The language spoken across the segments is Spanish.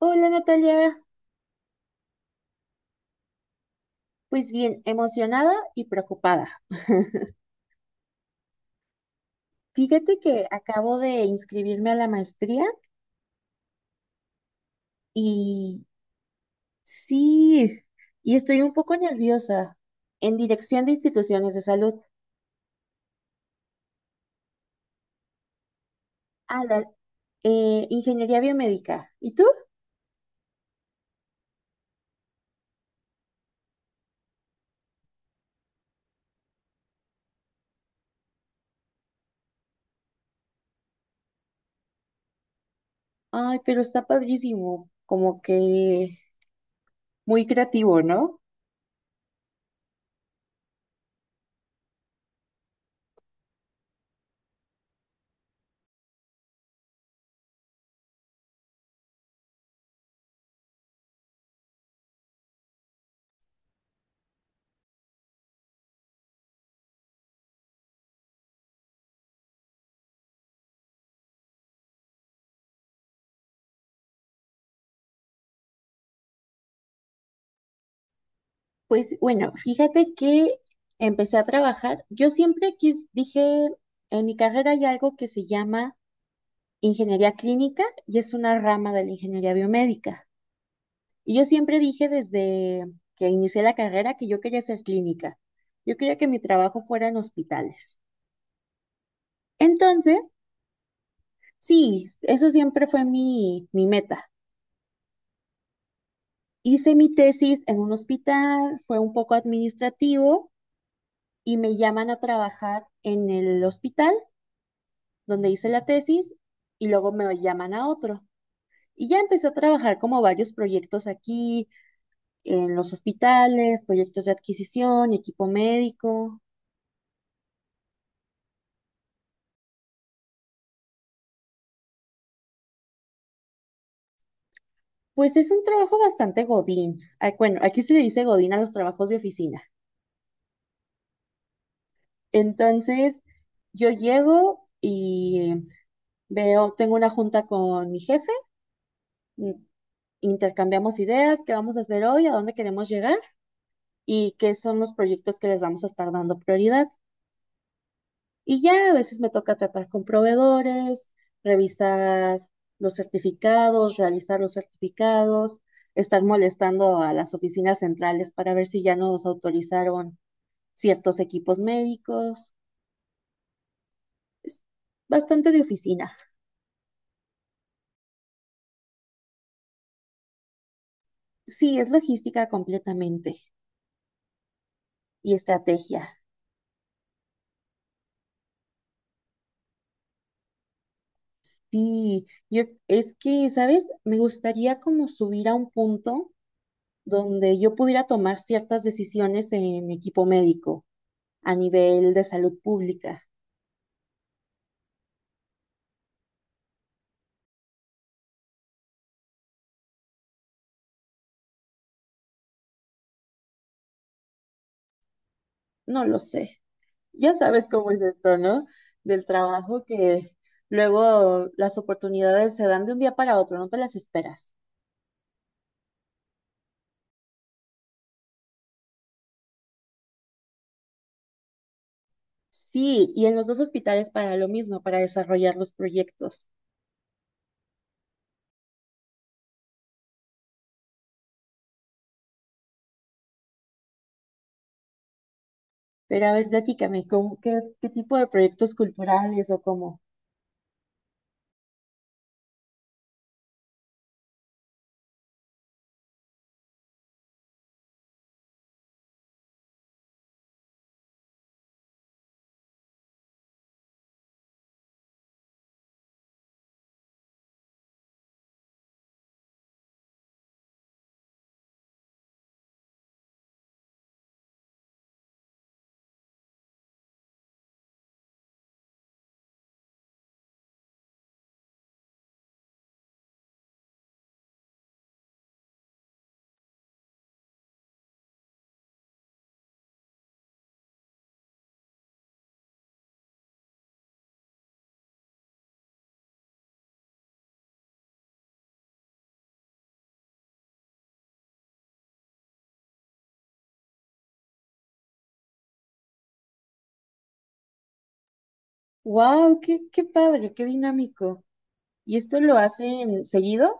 Hola Natalia, pues bien, emocionada y preocupada. Fíjate que acabo de inscribirme a la maestría y sí, y estoy un poco nerviosa en dirección de instituciones de salud a la ingeniería biomédica. ¿Y tú? Ay, pero está padrísimo, como que muy creativo, ¿no? Pues bueno, fíjate que empecé a trabajar. Yo siempre quis, dije, en mi carrera hay algo que se llama ingeniería clínica y es una rama de la ingeniería biomédica. Y yo siempre dije desde que inicié la carrera que yo quería ser clínica. Yo quería que mi trabajo fuera en hospitales. Entonces, sí, eso siempre fue mi meta. Hice mi tesis en un hospital, fue un poco administrativo y me llaman a trabajar en el hospital donde hice la tesis y luego me llaman a otro. Y ya empecé a trabajar como varios proyectos aquí, en los hospitales, proyectos de adquisición, y equipo médico. Pues es un trabajo bastante godín. Ah, bueno, aquí se le dice godín a los trabajos de oficina. Entonces, yo llego y veo, tengo una junta con mi jefe, mm, intercambiamos ideas, qué vamos a hacer hoy, a dónde queremos llegar y qué son los proyectos que les vamos a estar dando prioridad. Y ya a veces me toca tratar con proveedores, revisar los certificados, realizar los certificados, estar molestando a las oficinas centrales para ver si ya nos autorizaron ciertos equipos médicos. Es bastante de oficina. Sí, es logística completamente y estrategia. Sí, yo es que, ¿sabes? Me gustaría como subir a un punto donde yo pudiera tomar ciertas decisiones en equipo médico a nivel de salud pública. No lo sé. Ya sabes cómo es esto, ¿no? Del trabajo que luego las oportunidades se dan de un día para otro, no te las esperas. Sí, y en los dos hospitales para lo mismo, para desarrollar los proyectos. Pero a ver, platícame, ¿cómo- qué, qué tipo de proyectos culturales o cómo? ¡Wow! ¡Qué, qué padre! ¡Qué dinámico! ¿Y esto lo hacen seguido?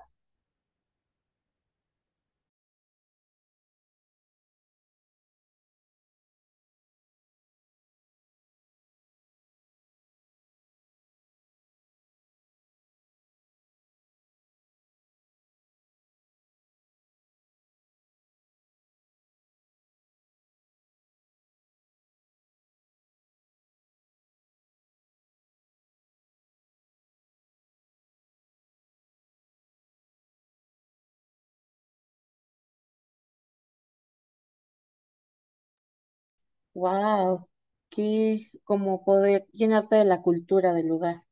¡Wow! ¡Qué como poder llenarte de la cultura del lugar!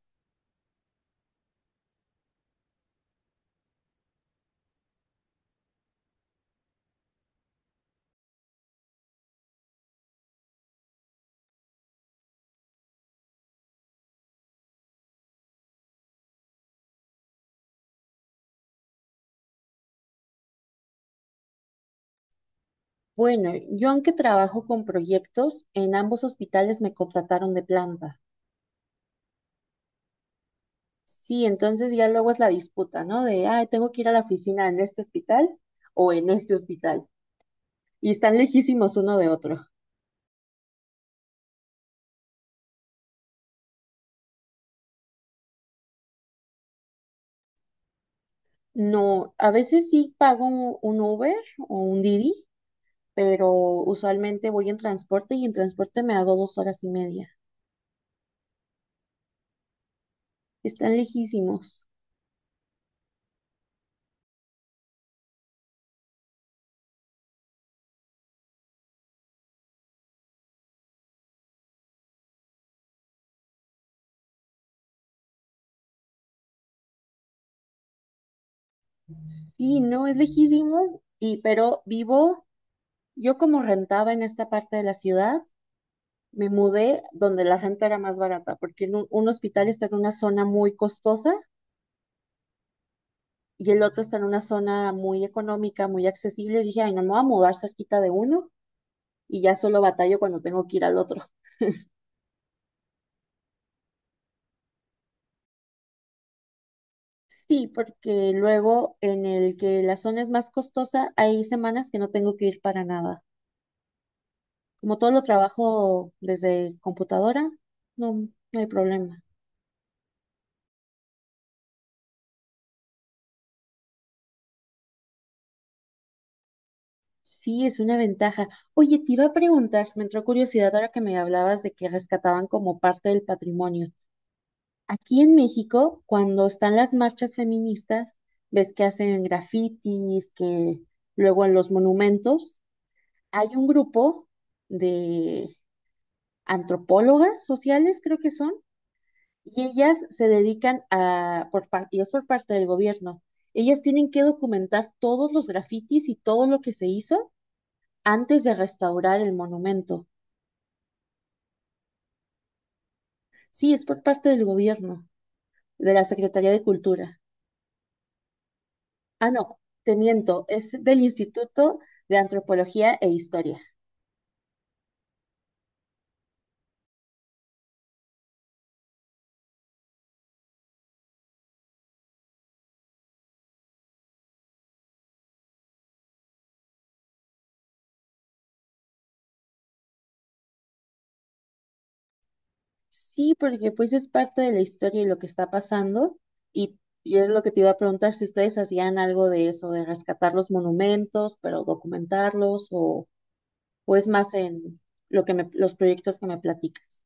Bueno, yo aunque trabajo con proyectos, en ambos hospitales me contrataron de planta. Sí, entonces ya luego es la disputa, ¿no? De, ay, tengo que ir a la oficina en este hospital o en este hospital. Y están lejísimos uno de otro. No, a veces sí pago un Uber o un Didi, pero usualmente voy en transporte y en transporte me hago 2 horas y media. Están lejísimos. Sí, no, es lejísimo. Y pero vivo, yo como rentaba en esta parte de la ciudad, me mudé donde la renta era más barata, porque en un hospital está en una zona muy costosa y el otro está en una zona muy económica, muy accesible. Dije, ay, no me voy a mudar cerquita de uno y ya solo batallo cuando tengo que ir al otro. Sí, porque luego en el que la zona es más costosa, hay semanas que no tengo que ir para nada. Como todo lo trabajo desde computadora, no, no hay problema. Sí, es una ventaja. Oye, te iba a preguntar, me entró curiosidad ahora que me hablabas de que rescataban como parte del patrimonio. Aquí en México, cuando están las marchas feministas, ves que hacen grafitis, que luego en los monumentos, hay un grupo de antropólogas sociales, creo que son, y ellas se dedican a, por, par- y es por parte del gobierno, ellas tienen que documentar todos los grafitis y todo lo que se hizo antes de restaurar el monumento. Sí, es por parte del gobierno, de la Secretaría de Cultura. Ah, no, te miento, es del Instituto de Antropología e Historia. Sí, porque pues es parte de la historia y lo que está pasando. Y yo es lo que te iba a preguntar si ustedes hacían algo de eso, de rescatar los monumentos, pero documentarlos, o es más en lo que me- los proyectos que me platicas.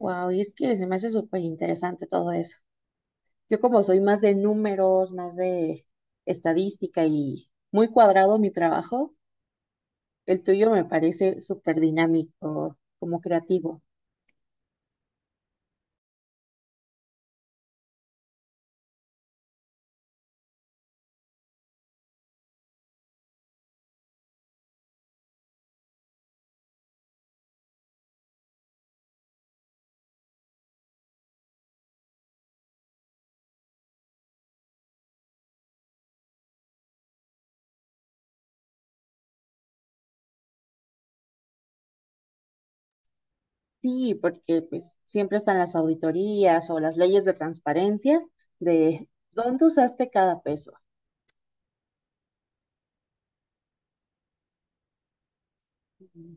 Wow, y es que se me hace súper interesante todo eso. Yo como soy más de números, más de estadística y muy cuadrado mi trabajo, el tuyo me parece súper dinámico, como creativo. Sí, porque pues siempre están las auditorías o las leyes de transparencia de dónde usaste cada peso. Ujú.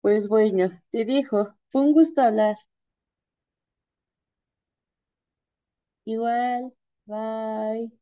Pues bueno, te dijo, fue un gusto hablar. Igual, bye.